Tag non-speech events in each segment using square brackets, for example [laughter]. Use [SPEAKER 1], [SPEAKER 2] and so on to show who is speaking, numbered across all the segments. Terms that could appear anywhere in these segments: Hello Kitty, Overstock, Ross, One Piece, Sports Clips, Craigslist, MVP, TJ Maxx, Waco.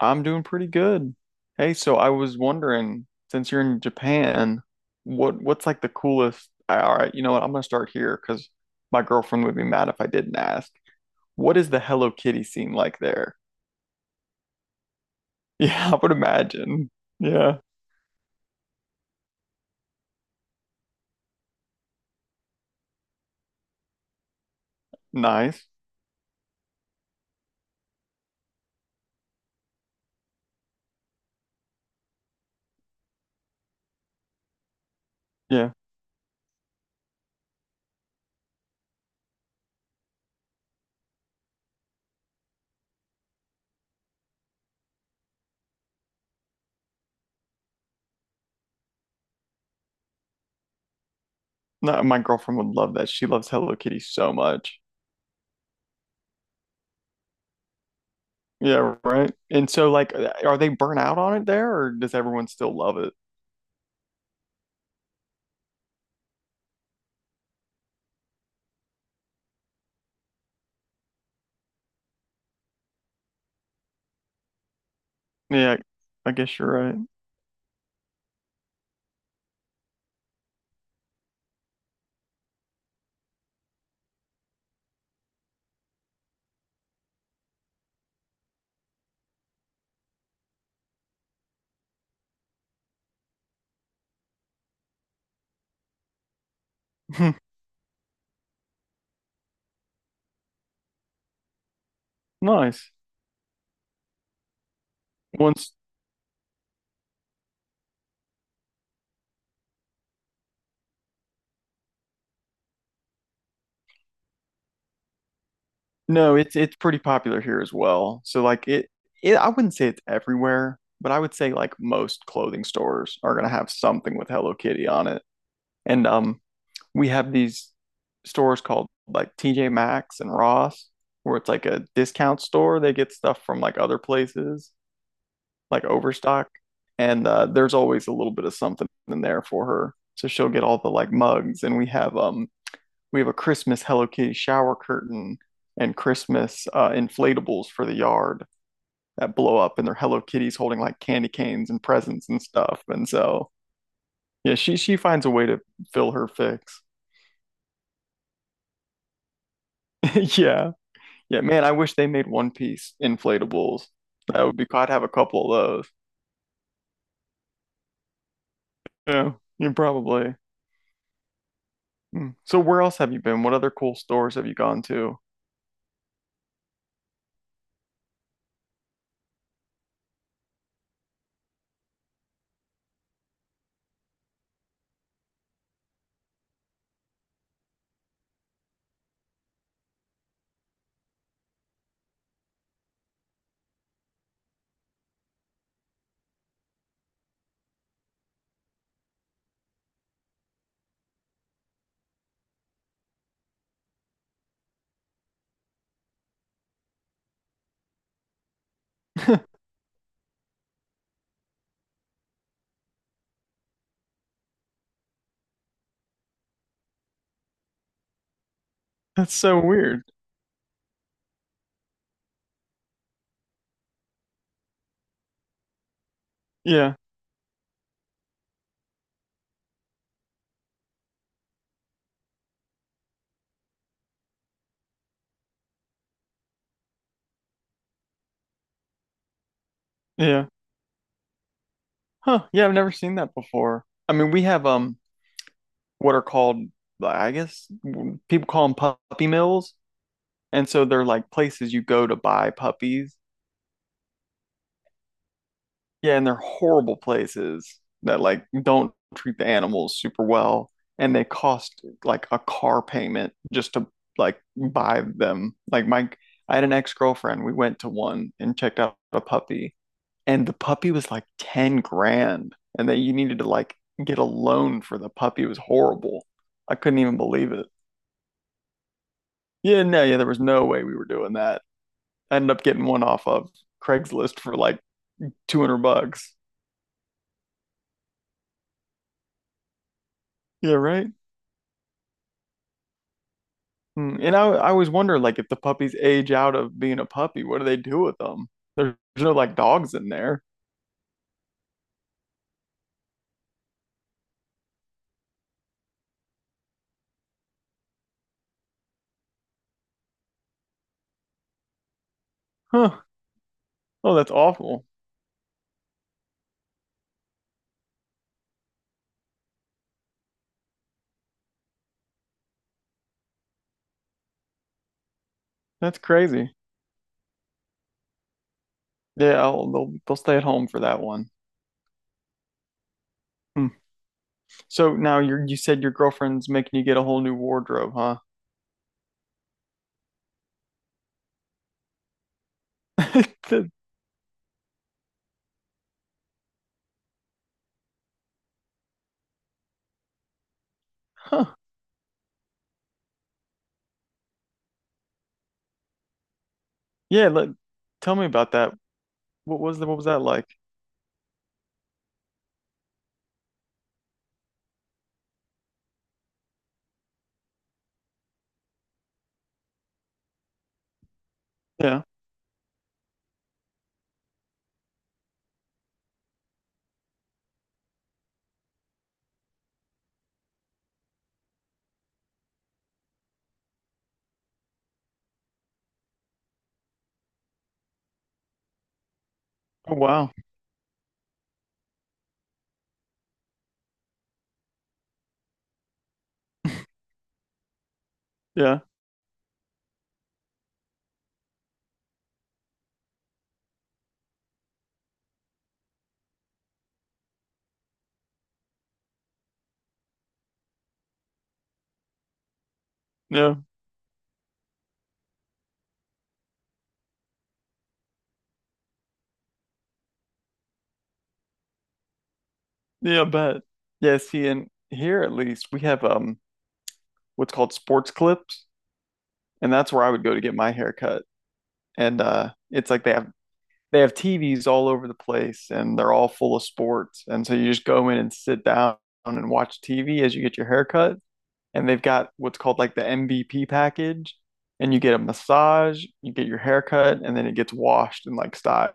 [SPEAKER 1] I'm doing pretty good. Hey, so I was wondering, since you're in Japan, what's like the coolest? All right, you know what? I'm gonna start here because my girlfriend would be mad if I didn't ask. What is the Hello Kitty scene like there? [laughs] Yeah, I would imagine. Yeah, nice. Yeah, no, my girlfriend would love that. She loves Hello Kitty so much. Yeah, right. And so, like, are they burnt out on it there, or does everyone still love it? Yeah, I guess you're right. [laughs] Nice. Once. No, it's pretty popular here as well. So like it I wouldn't say it's everywhere, but I would say like most clothing stores are gonna have something with Hello Kitty on it. And we have these stores called like TJ Maxx and Ross, where it's like a discount store. They get stuff from like other places, like Overstock. And there's always a little bit of something in there for her. So she'll get all the like mugs, and we have a Christmas Hello Kitty shower curtain and Christmas inflatables for the yard that blow up, and they're Hello Kitties holding like candy canes and presents and stuff. And so, yeah, she finds a way to fill her fix. [laughs] Yeah, yeah, man, I wish they made One Piece inflatables. That would be cool. I'd have a couple of those. Yeah, you probably. Hmm. So where else have you been? What other cool stores have you gone to? That's so weird. Yeah, yeah. Huh. Yeah, I've never seen that before. I mean, we have what are called, I guess, people call them puppy mills. And so they're like places you go to buy puppies. Yeah, and they're horrible places that like don't treat the animals super well. And they cost like a car payment just to like buy them. Like I had an ex-girlfriend. We went to one and checked out a puppy, and the puppy was like 10 grand. And then you needed to like get a loan for the puppy. It was horrible. I couldn't even believe it. Yeah, no, yeah, there was no way we were doing that. I ended up getting one off of Craigslist for like $200. Yeah, right. Mm, and I always wonder, like, if the puppies age out of being a puppy, what do they do with them? There's no like dogs in there. Huh. Oh, that's awful. That's crazy. Yeah, they'll stay at home for that one. Hmm. So now you said your girlfriend's making you get a whole new wardrobe, huh? [laughs] The- Huh. Yeah. Tell me about that. What was that like? Yeah. Oh, wow. Yeah. Yeah. Yeah, but yeah, see, and here at least we have what's called sports clips, and that's where I would go to get my haircut. And it's like they have TVs all over the place, and they're all full of sports. And so you just go in and sit down and watch TV as you get your haircut. And they've got what's called like the MVP package, and you get a massage, you get your haircut, and then it gets washed and like styled.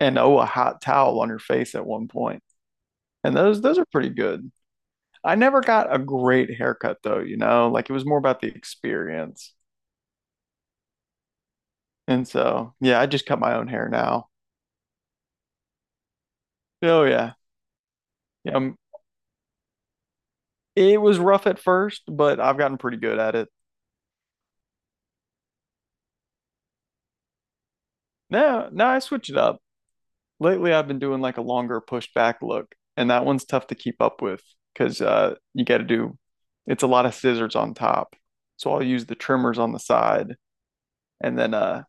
[SPEAKER 1] And oh, a hot towel on your face at one point. And those are pretty good. I never got a great haircut though, like it was more about the experience. And so, yeah, I just cut my own hair now. Oh yeah. Yeah. It was rough at first, but I've gotten pretty good at it. No, no, I switch it up. Lately, I've been doing like a longer pushed back look, and that one's tough to keep up with because you got to do it's a lot of scissors on top. So I'll use the trimmers on the side, and then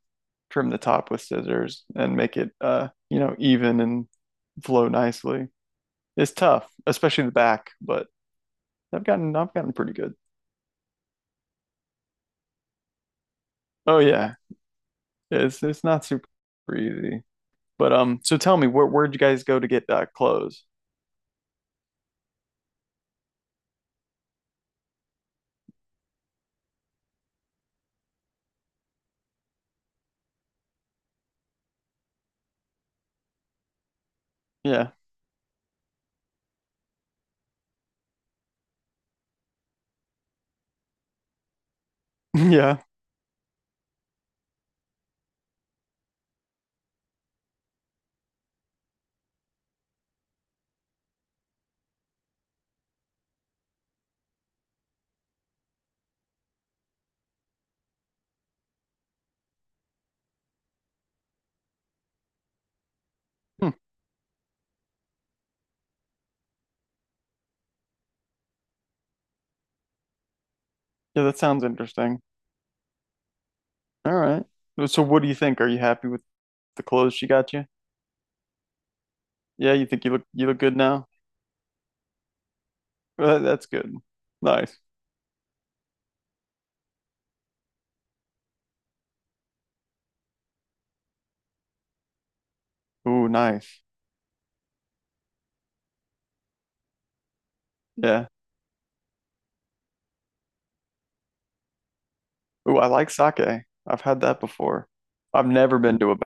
[SPEAKER 1] trim the top with scissors and make it even and flow nicely. It's tough, especially the back, but I've gotten pretty good. Oh yeah, it's not super easy. But so tell me, where'd you guys go to get clothes? Yeah, [laughs] yeah, hmm. Yeah, that sounds interesting. All right. So what do you think? Are you happy with the clothes she got you? Yeah, you think you look good now? Well, that's good. Nice. Ooh, nice. Yeah. Ooh, I like sake. I've had that before. I've never been to a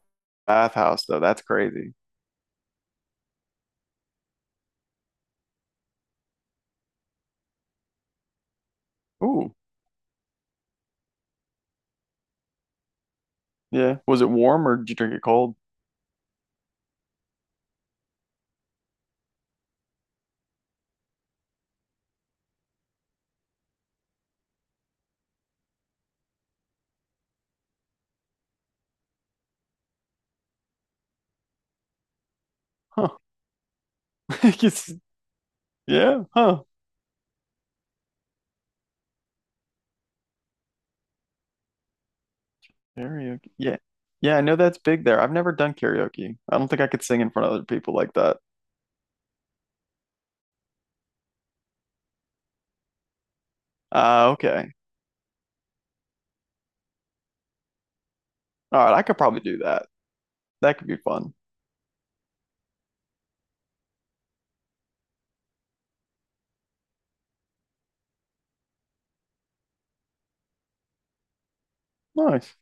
[SPEAKER 1] bathhouse though. That's crazy. Ooh, yeah. Was it warm, or did you drink it cold? Huh. [laughs] I guess- yeah, huh. Karaoke. Yeah. Yeah, I know that's big there. I've never done karaoke. I don't think I could sing in front of other people like that. Ah, okay. All right, I could probably do that. That could be fun. Nice.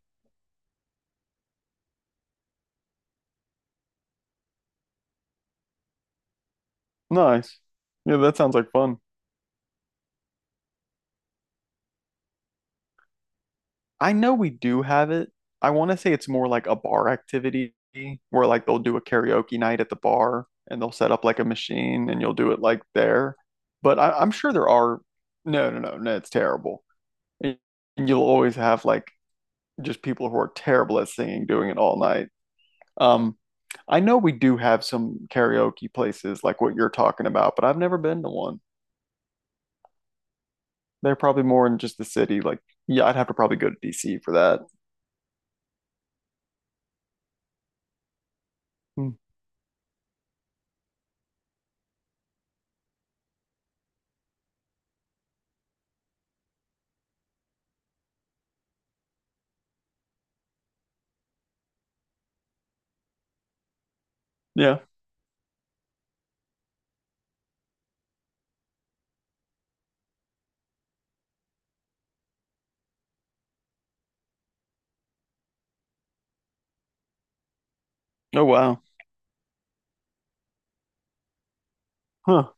[SPEAKER 1] Nice. Yeah, that sounds like fun. I know we do have it. I want to say it's more like a bar activity, where like they'll do a karaoke night at the bar and they'll set up like a machine and you'll do it like there. But I'm sure there are. No, no, no, no, it's terrible. And you'll always have like just people who are terrible at singing doing it all night. Um, I know we do have some karaoke places like what you're talking about, but I've never been to one. They're probably more in just the city. Like, yeah, I'd have to probably go to DC for that. Hmm. Yeah. Oh, wow. Huh.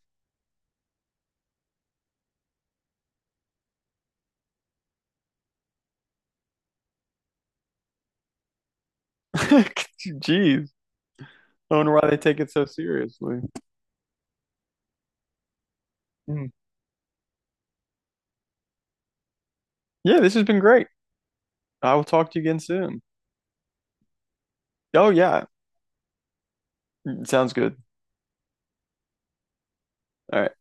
[SPEAKER 1] [laughs] Jeez. I wonder why they take it so seriously. Hmm. Yeah, this has been great. I will talk to you again soon. Oh, yeah. Sounds good. All right.